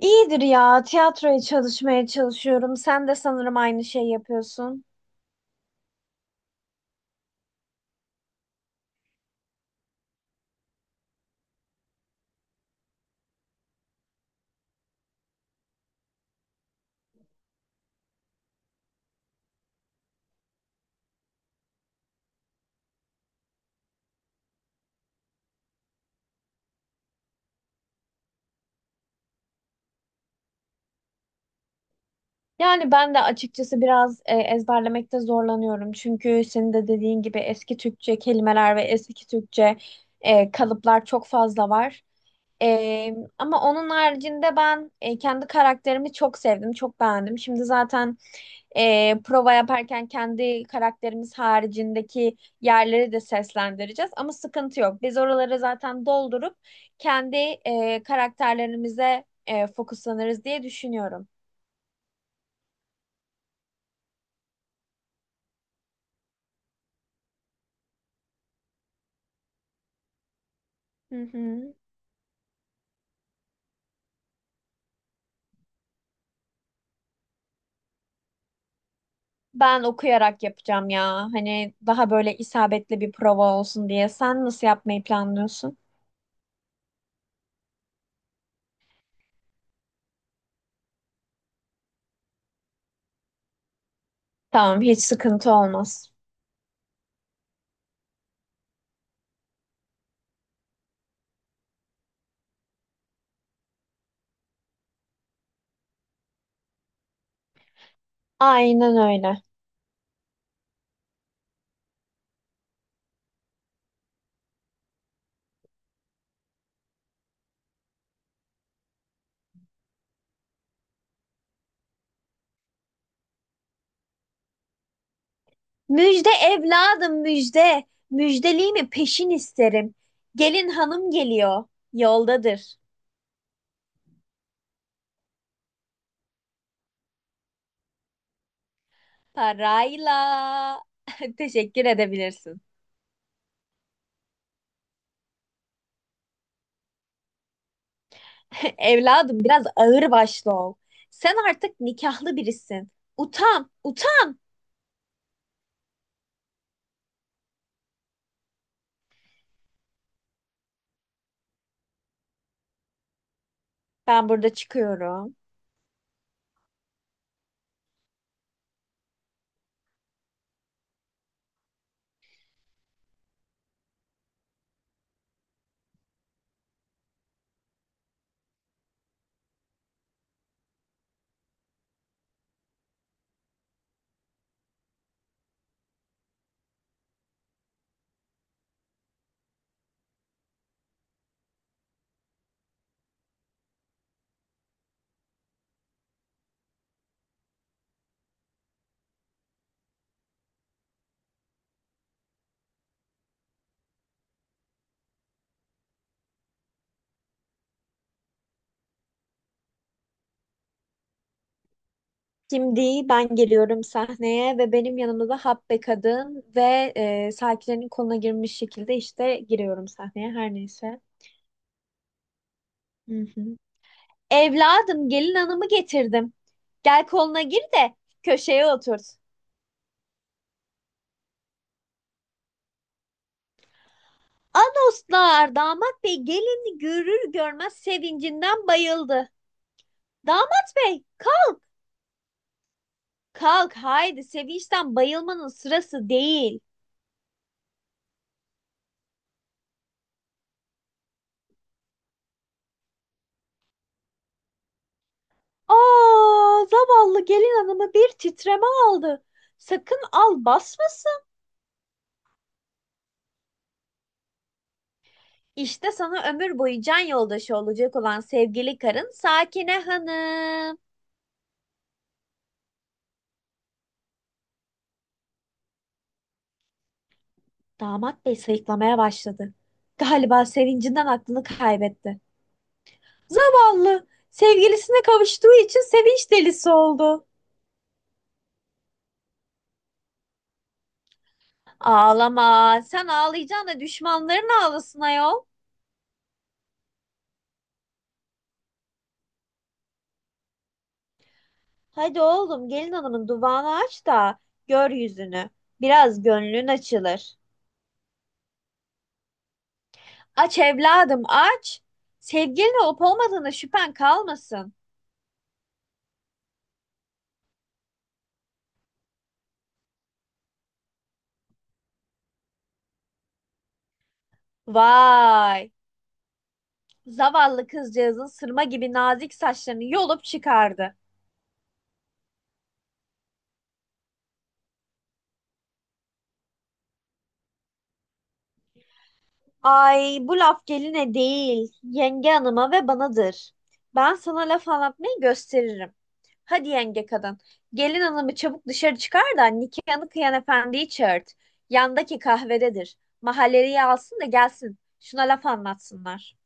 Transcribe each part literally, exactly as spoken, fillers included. İyidir ya. Tiyatroya çalışmaya çalışıyorum. Sen de sanırım aynı şeyi yapıyorsun. Yani ben de açıkçası biraz e, ezberlemekte zorlanıyorum. Çünkü senin de dediğin gibi eski Türkçe kelimeler ve eski Türkçe e, kalıplar çok fazla var. E, ama onun haricinde ben e, kendi karakterimi çok sevdim, çok beğendim. Şimdi zaten e, prova yaparken kendi karakterimiz haricindeki yerleri de seslendireceğiz. Ama sıkıntı yok. Biz oraları zaten doldurup kendi e, karakterlerimize e, fokuslanırız diye düşünüyorum. Hı hı. Ben okuyarak yapacağım ya. Hani daha böyle isabetli bir prova olsun diye. Sen nasıl yapmayı planlıyorsun? Tamam, hiç sıkıntı olmaz. Aynen öyle. Müjde evladım müjde. Müjdeli mi peşin isterim. Gelin hanım geliyor. Yoldadır. Parayla. Teşekkür edebilirsin. Evladım biraz ağır başlı ol. Sen artık nikahlı birisin. Utan, utan. Ben burada çıkıyorum. Şimdi ben geliyorum sahneye ve benim yanımda da Habbe kadın ve e, sakinlerin koluna girmiş şekilde işte giriyorum sahneye her neyse. Hı hı. Evladım gelin hanımı getirdim. Gel koluna gir de köşeye oturt. Anoslar damat bey gelini görür görmez sevincinden bayıldı. Damat bey kalk kalk haydi sevinçten bayılmanın sırası değil. Aa, zavallı gelin hanımı bir titreme aldı. Sakın al basmasın. İşte sana ömür boyu can yoldaşı olacak olan sevgili karın Sakine Hanım. Damat bey sayıklamaya başladı. Galiba sevincinden aklını kaybetti. Vallahi sevgilisine kavuştuğu için sevinç delisi oldu. Ağlama. Sen ağlayacaksın da düşmanların ağlasın ayol. Hadi oğlum gelin hanımın duvağını aç da gör yüzünü. Biraz gönlün açılır. Aç evladım aç. Sevgilin olup olmadığına şüphen kalmasın. Vay. Zavallı kızcağızın sırma gibi nazik saçlarını yolup çıkardı. Ay bu laf geline değil, yenge hanıma ve banadır. Ben sana laf anlatmayı gösteririm. Hadi yenge kadın, gelin hanımı çabuk dışarı çıkar da nikahını kıyan efendiyi çağırt. Yandaki kahvededir. Mahalleliye alsın da gelsin. Şuna laf anlatsınlar.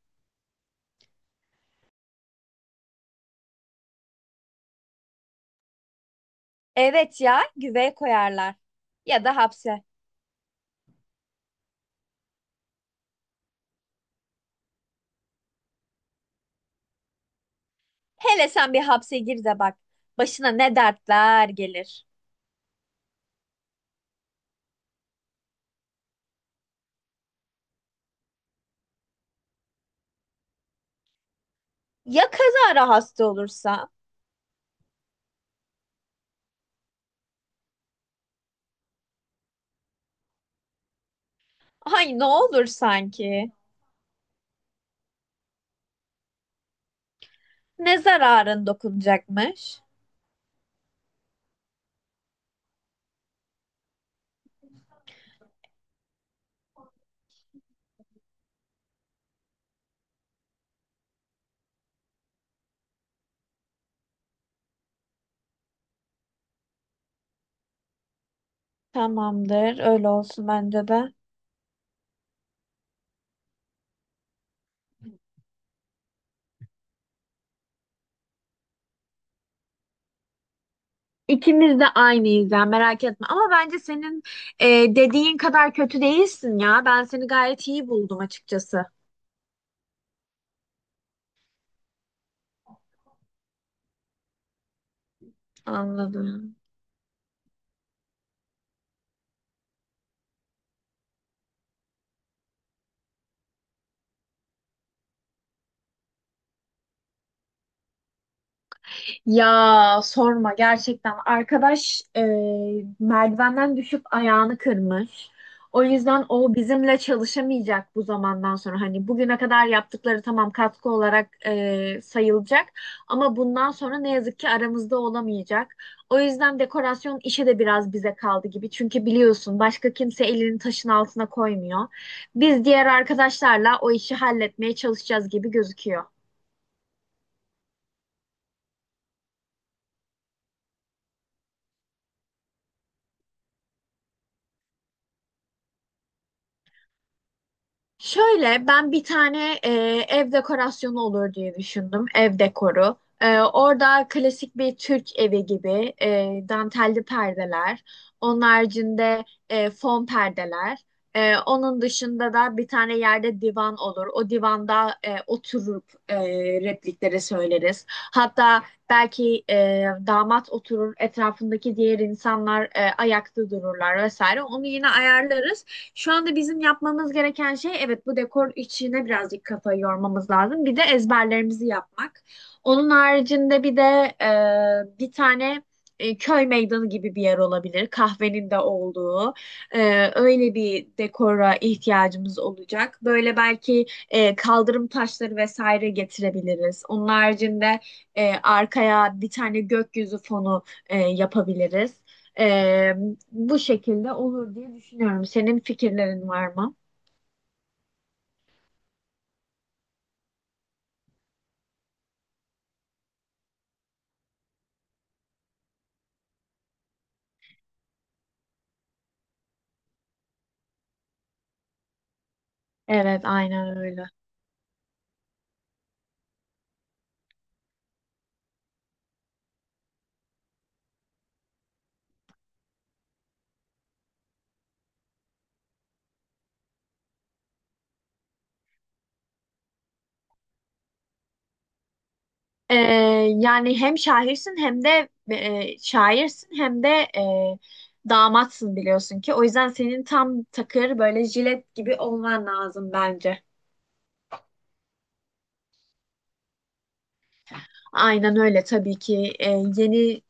Evet ya, güveye koyarlar. Ya da hapse. Hele sen bir hapse gir de bak. Başına ne dertler gelir. Ya kazara hasta olursa? Ay ne olur sanki. Ne zararın dokunacakmış? Tamamdır. Öyle olsun bence de. İkimiz de aynıyız ya merak etme. Ama bence senin e, dediğin kadar kötü değilsin ya. Ben seni gayet iyi buldum açıkçası. Anladım. Ya sorma gerçekten arkadaş, e, merdivenden düşüp ayağını kırmış. O yüzden o bizimle çalışamayacak bu zamandan sonra. Hani bugüne kadar yaptıkları tamam katkı olarak e, sayılacak ama bundan sonra ne yazık ki aramızda olamayacak. O yüzden dekorasyon işi de biraz bize kaldı gibi. Çünkü biliyorsun başka kimse elini taşın altına koymuyor. Biz diğer arkadaşlarla o işi halletmeye çalışacağız gibi gözüküyor. Şöyle ben bir tane e, ev dekorasyonu olur diye düşündüm. Ev dekoru. E, orada klasik bir Türk evi gibi e, dantelli perdeler. Onun haricinde e, fon perdeler. E, onun dışında da bir tane yerde divan olur. O divanda e, oturup e, replikleri söyleriz. Hatta belki e, damat oturur, etrafındaki diğer insanlar e, ayakta dururlar vesaire. Onu yine ayarlarız. Şu anda bizim yapmamız gereken şey, evet, bu dekor içine birazcık kafayı yormamız lazım. Bir de ezberlerimizi yapmak. Onun haricinde bir de e, bir tane e, köy meydanı gibi bir yer olabilir. Kahvenin de olduğu. E, öyle bir dekora ihtiyacımız olacak. Böyle belki e, kaldırım taşları vesaire getirebiliriz. Onun haricinde e, arkaya bir tane gökyüzü fonu e, yapabiliriz. Ee, Bu şekilde olur diye düşünüyorum. Senin fikirlerin var mı? Evet, aynen öyle. Ee, Yani hem şairsin hem de e, şairsin hem de e, damatsın biliyorsun ki. O yüzden senin tam takır böyle jilet gibi olman lazım bence. Aynen öyle tabii ki. Ee, yeni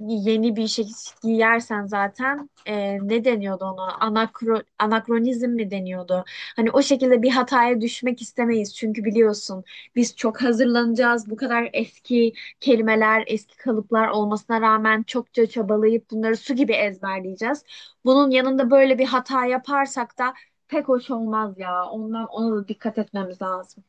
yeni bir şey giyersen zaten e, ne deniyordu ona? Anakro, anakronizm mi deniyordu? Hani o şekilde bir hataya düşmek istemeyiz. Çünkü biliyorsun biz çok hazırlanacağız. Bu kadar eski kelimeler, eski kalıplar olmasına rağmen çokça çabalayıp bunları su gibi ezberleyeceğiz. Bunun yanında böyle bir hata yaparsak da pek hoş olmaz ya. Ondan ona da dikkat etmemiz lazım.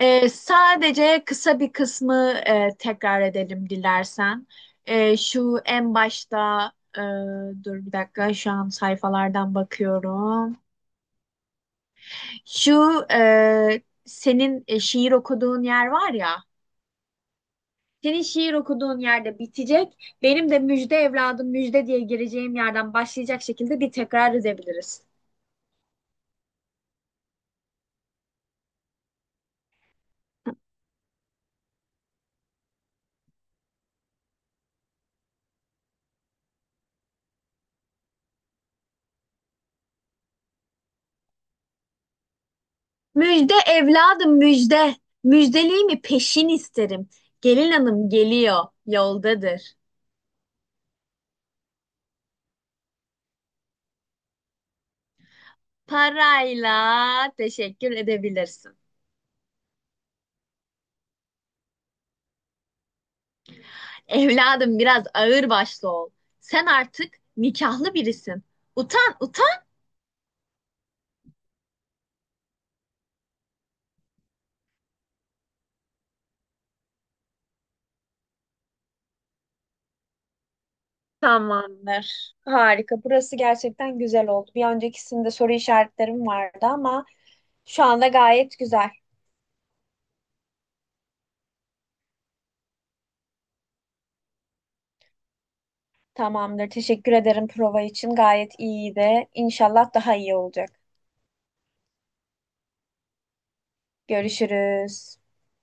Ee, sadece kısa bir kısmı e, tekrar edelim dilersen. Ee, şu en başta, e, dur bir dakika, şu an sayfalardan bakıyorum. Şu e, senin e, şiir okuduğun yer var ya. Senin şiir okuduğun yerde bitecek. Benim de müjde evladım müjde diye gireceğim yerden başlayacak şekilde bir tekrar edebiliriz. Müjde evladım müjde. Müjdeliğimi peşin isterim. Gelin hanım geliyor, yoldadır. Parayla teşekkür edebilirsin. Evladım biraz ağır başlı ol. Sen artık nikahlı birisin. Utan, utan. Tamamdır. Harika. Burası gerçekten güzel oldu. Bir öncekisinde soru işaretlerim vardı ama şu anda gayet güzel. Tamamdır. Teşekkür ederim prova için. Gayet iyiydi. İnşallah daha iyi olacak. Görüşürüz.